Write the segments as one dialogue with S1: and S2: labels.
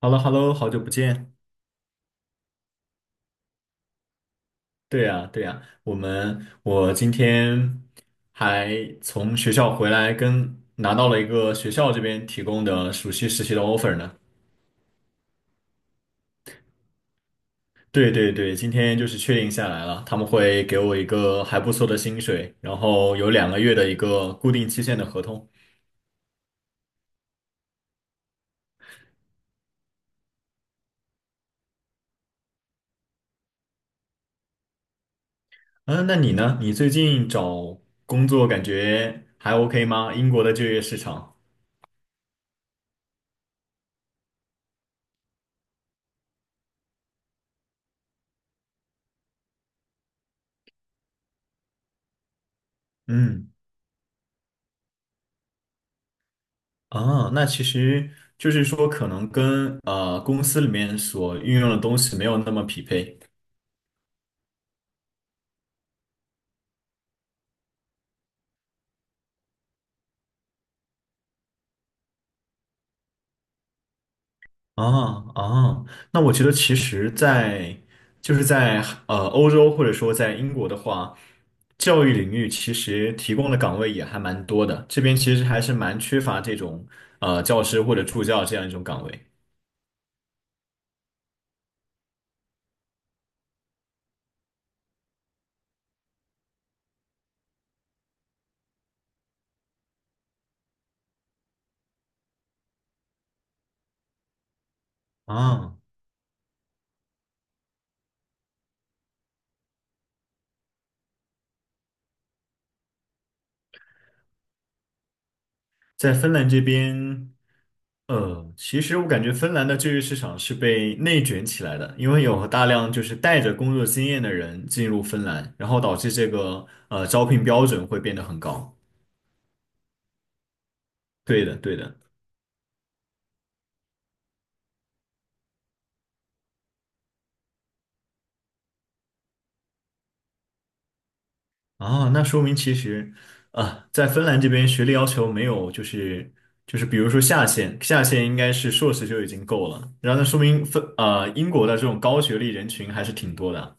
S1: h e l l o h e l l o 好久不见。对呀，对呀，我今天还从学校回来跟，拿到了一个学校这边提供的暑期实习的 offer 呢。对对对，今天就是确定下来了，他们会给我一个还不错的薪水，然后有2个月的一个固定期限的合同。嗯，那你呢？你最近找工作感觉还 OK 吗？英国的就业市场？嗯。啊，那其实就是说，可能跟公司里面所运用的东西没有那么匹配。啊啊，那我觉得其实在，就是在欧洲或者说在英国的话，教育领域其实提供的岗位也还蛮多的。这边其实还是蛮缺乏这种教师或者助教这样一种岗位。啊，在芬兰这边。其实我感觉芬兰的就业市场是被内卷起来的，因为有大量就是带着工作经验的人进入芬兰，然后导致这个招聘标准会变得很高。对的，对的。啊，那说明其实啊，在芬兰这边学历要求没有就是比如说下限，下限应该是硕士就已经够了，然后那说明英国的这种高学历人群还是挺多的。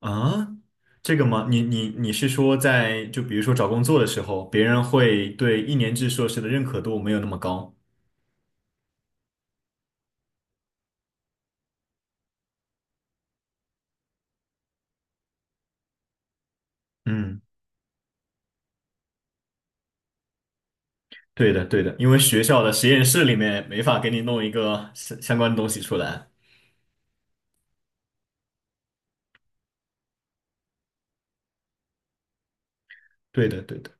S1: 啊，这个吗？你是说在就比如说找工作的时候，别人会对一年制硕士的认可度没有那么高？嗯，对的对的，因为学校的实验室里面没法给你弄一个相关的东西出来。对的对的，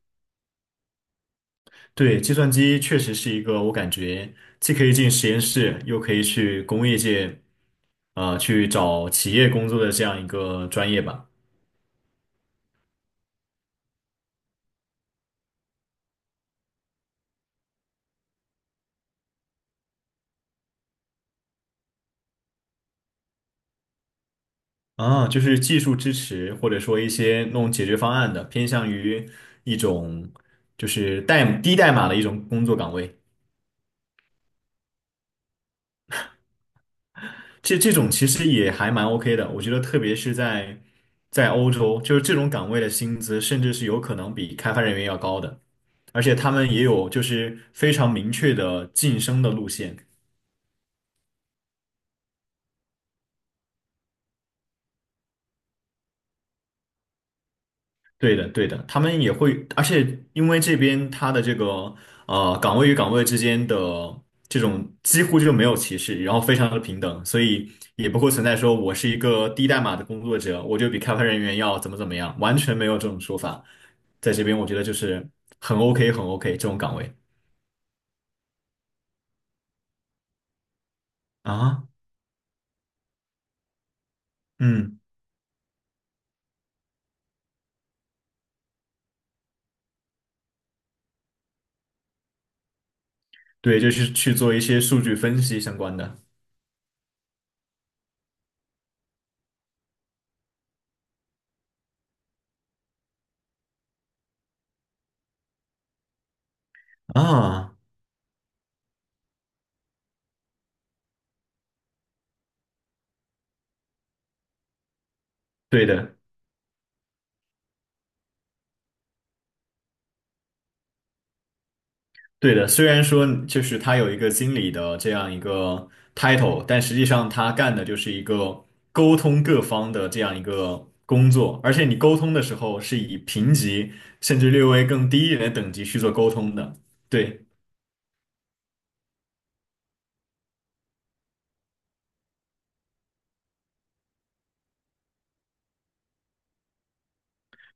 S1: 对，计算机确实是一个我感觉既可以进实验室，又可以去工业界，去找企业工作的这样一个专业吧。啊，就是技术支持，或者说一些弄解决方案的，偏向于一种就是低代码的一种工作岗位。这种其实也还蛮 OK 的，我觉得特别是在欧洲，就是这种岗位的薪资甚至是有可能比开发人员要高的，而且他们也有就是非常明确的晋升的路线。对的，对的，他们也会，而且因为这边他的这个岗位与岗位之间的这种几乎就没有歧视，然后非常的平等，所以也不会存在说我是一个低代码的工作者，我就比开发人员要怎么怎么样，完全没有这种说法。在这边我觉得就是很 OK，很 OK 这种岗位啊，嗯，对，就是去做一些数据分析相关的啊，对的。对的，虽然说就是他有一个经理的这样一个 title，但实际上他干的就是一个沟通各方的这样一个工作，而且你沟通的时候是以评级甚至略微更低一点的等级去做沟通的。对，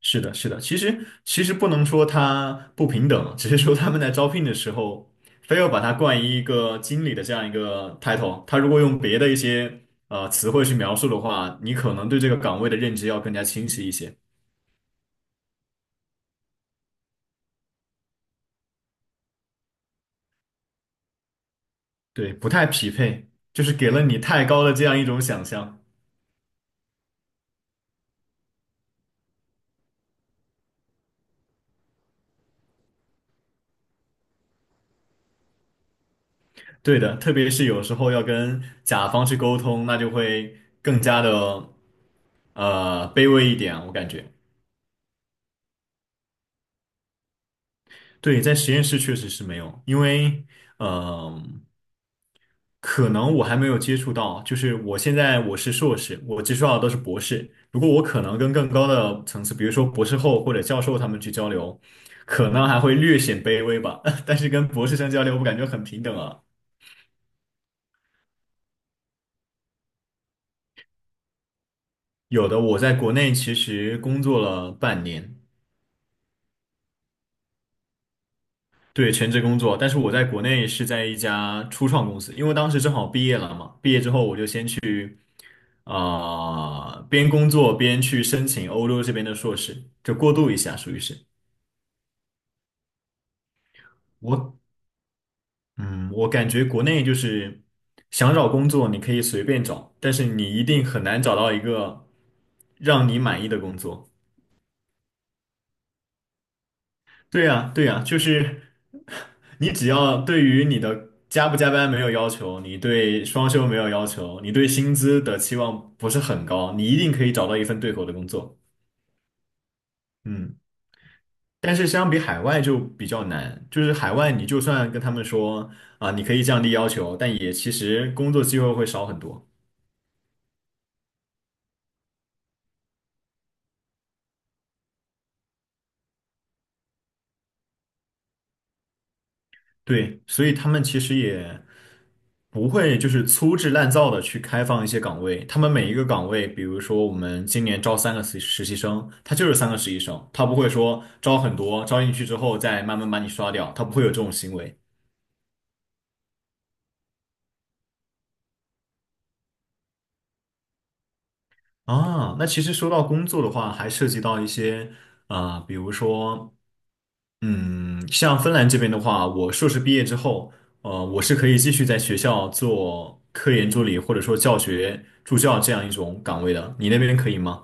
S1: 是的，是的。其实不能说他不平等，只是说他们在招聘的时候非要把他冠以一个经理的这样一个 title，他如果用别的一些词汇去描述的话，你可能对这个岗位的认知要更加清晰一些。对，不太匹配，就是给了你太高的这样一种想象。对的，特别是有时候要跟甲方去沟通，那就会更加的卑微一点啊，我感觉。对，在实验室确实是没有，因为嗯、呃可能我还没有接触到，就是我现在是硕士，我接触到的都是博士。如果我可能跟更高的层次，比如说博士后或者教授他们去交流，可能还会略显卑微吧，但是跟博士生交流，我感觉很平等啊。有的，我在国内其实工作了半年，对，全职工作。但是我在国内是在一家初创公司，因为当时正好毕业了嘛，毕业之后我就先去啊、边工作边去申请欧洲这边的硕士，就过渡一下，属于是。我，嗯，我感觉国内就是想找工作你可以随便找，但是你一定很难找到一个让你满意的工作。对呀，对呀，就是你只要对于你的加不加班没有要求，你对双休没有要求，你对薪资的期望不是很高，你一定可以找到一份对口的工作。嗯，但是相比海外就比较难，就是海外你就算跟他们说啊，你可以降低要求，但也其实工作机会会少很多。对，所以他们其实也不会就是粗制滥造的去开放一些岗位，他们每一个岗位，比如说我们今年招三个实习生，他就是三个实习生，他不会说招很多，招进去之后再慢慢把你刷掉，他不会有这种行为啊。那其实说到工作的话，还涉及到一些比如说嗯，像芬兰这边的话，我硕士毕业之后，我是可以继续在学校做科研助理，或者说教学助教这样一种岗位的。你那边可以吗？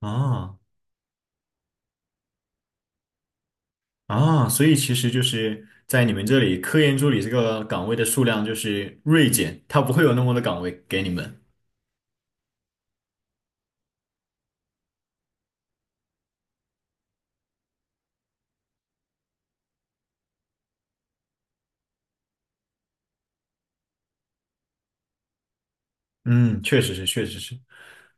S1: 啊啊，所以其实就是在你们这里，科研助理这个岗位的数量就是锐减，它不会有那么多的岗位给你们。嗯，确实是，确实是，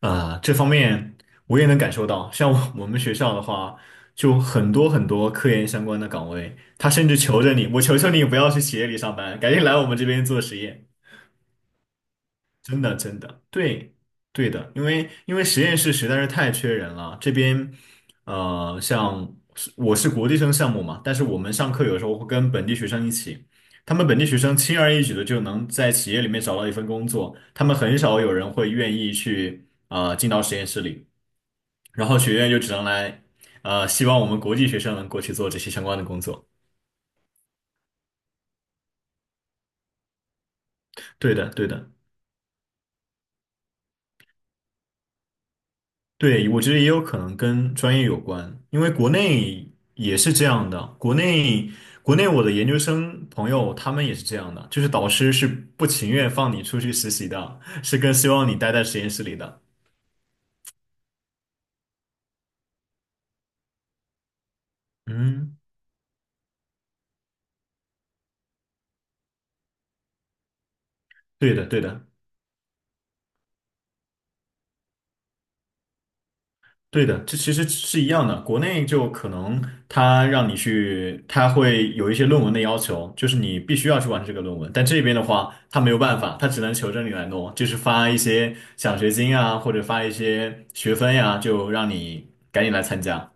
S1: 这方面我也能感受到。像我 我们学校的话，就很多很多科研相关的岗位，他甚至求着你，我求求你不要去企业里上班，赶紧来我们这边做实验。真的，真的，对，对的，因为实验室实在是太缺人了。这边，像是我是国际生项目嘛，但是我们上课有时候会跟本地学生一起，他们本地学生轻而易举的就能在企业里面找到一份工作，他们很少有人会愿意去进到实验室里，然后学院就只能来，希望我们国际学生能过去做这些相关的工作。对的，对的。对，我觉得也有可能跟专业有关，因为国内也是这样的。国内我的研究生朋友他们也是这样的，就是导师是不情愿放你出去实习的，是更希望你待在实验室里的。嗯，对的，对的。对的，这其实是一样的。国内就可能他让你去，他会有一些论文的要求，就是你必须要去完成这个论文。但这边的话，他没有办法，他只能求着你来弄，就是发一些奖学金啊，或者发一些学分呀、就让你赶紧来参加。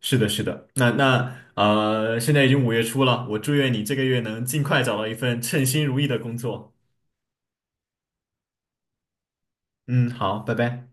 S1: 是的，是的。那，现在已经5月初了，我祝愿你这个月能尽快找到一份称心如意的工作。嗯，好，拜拜。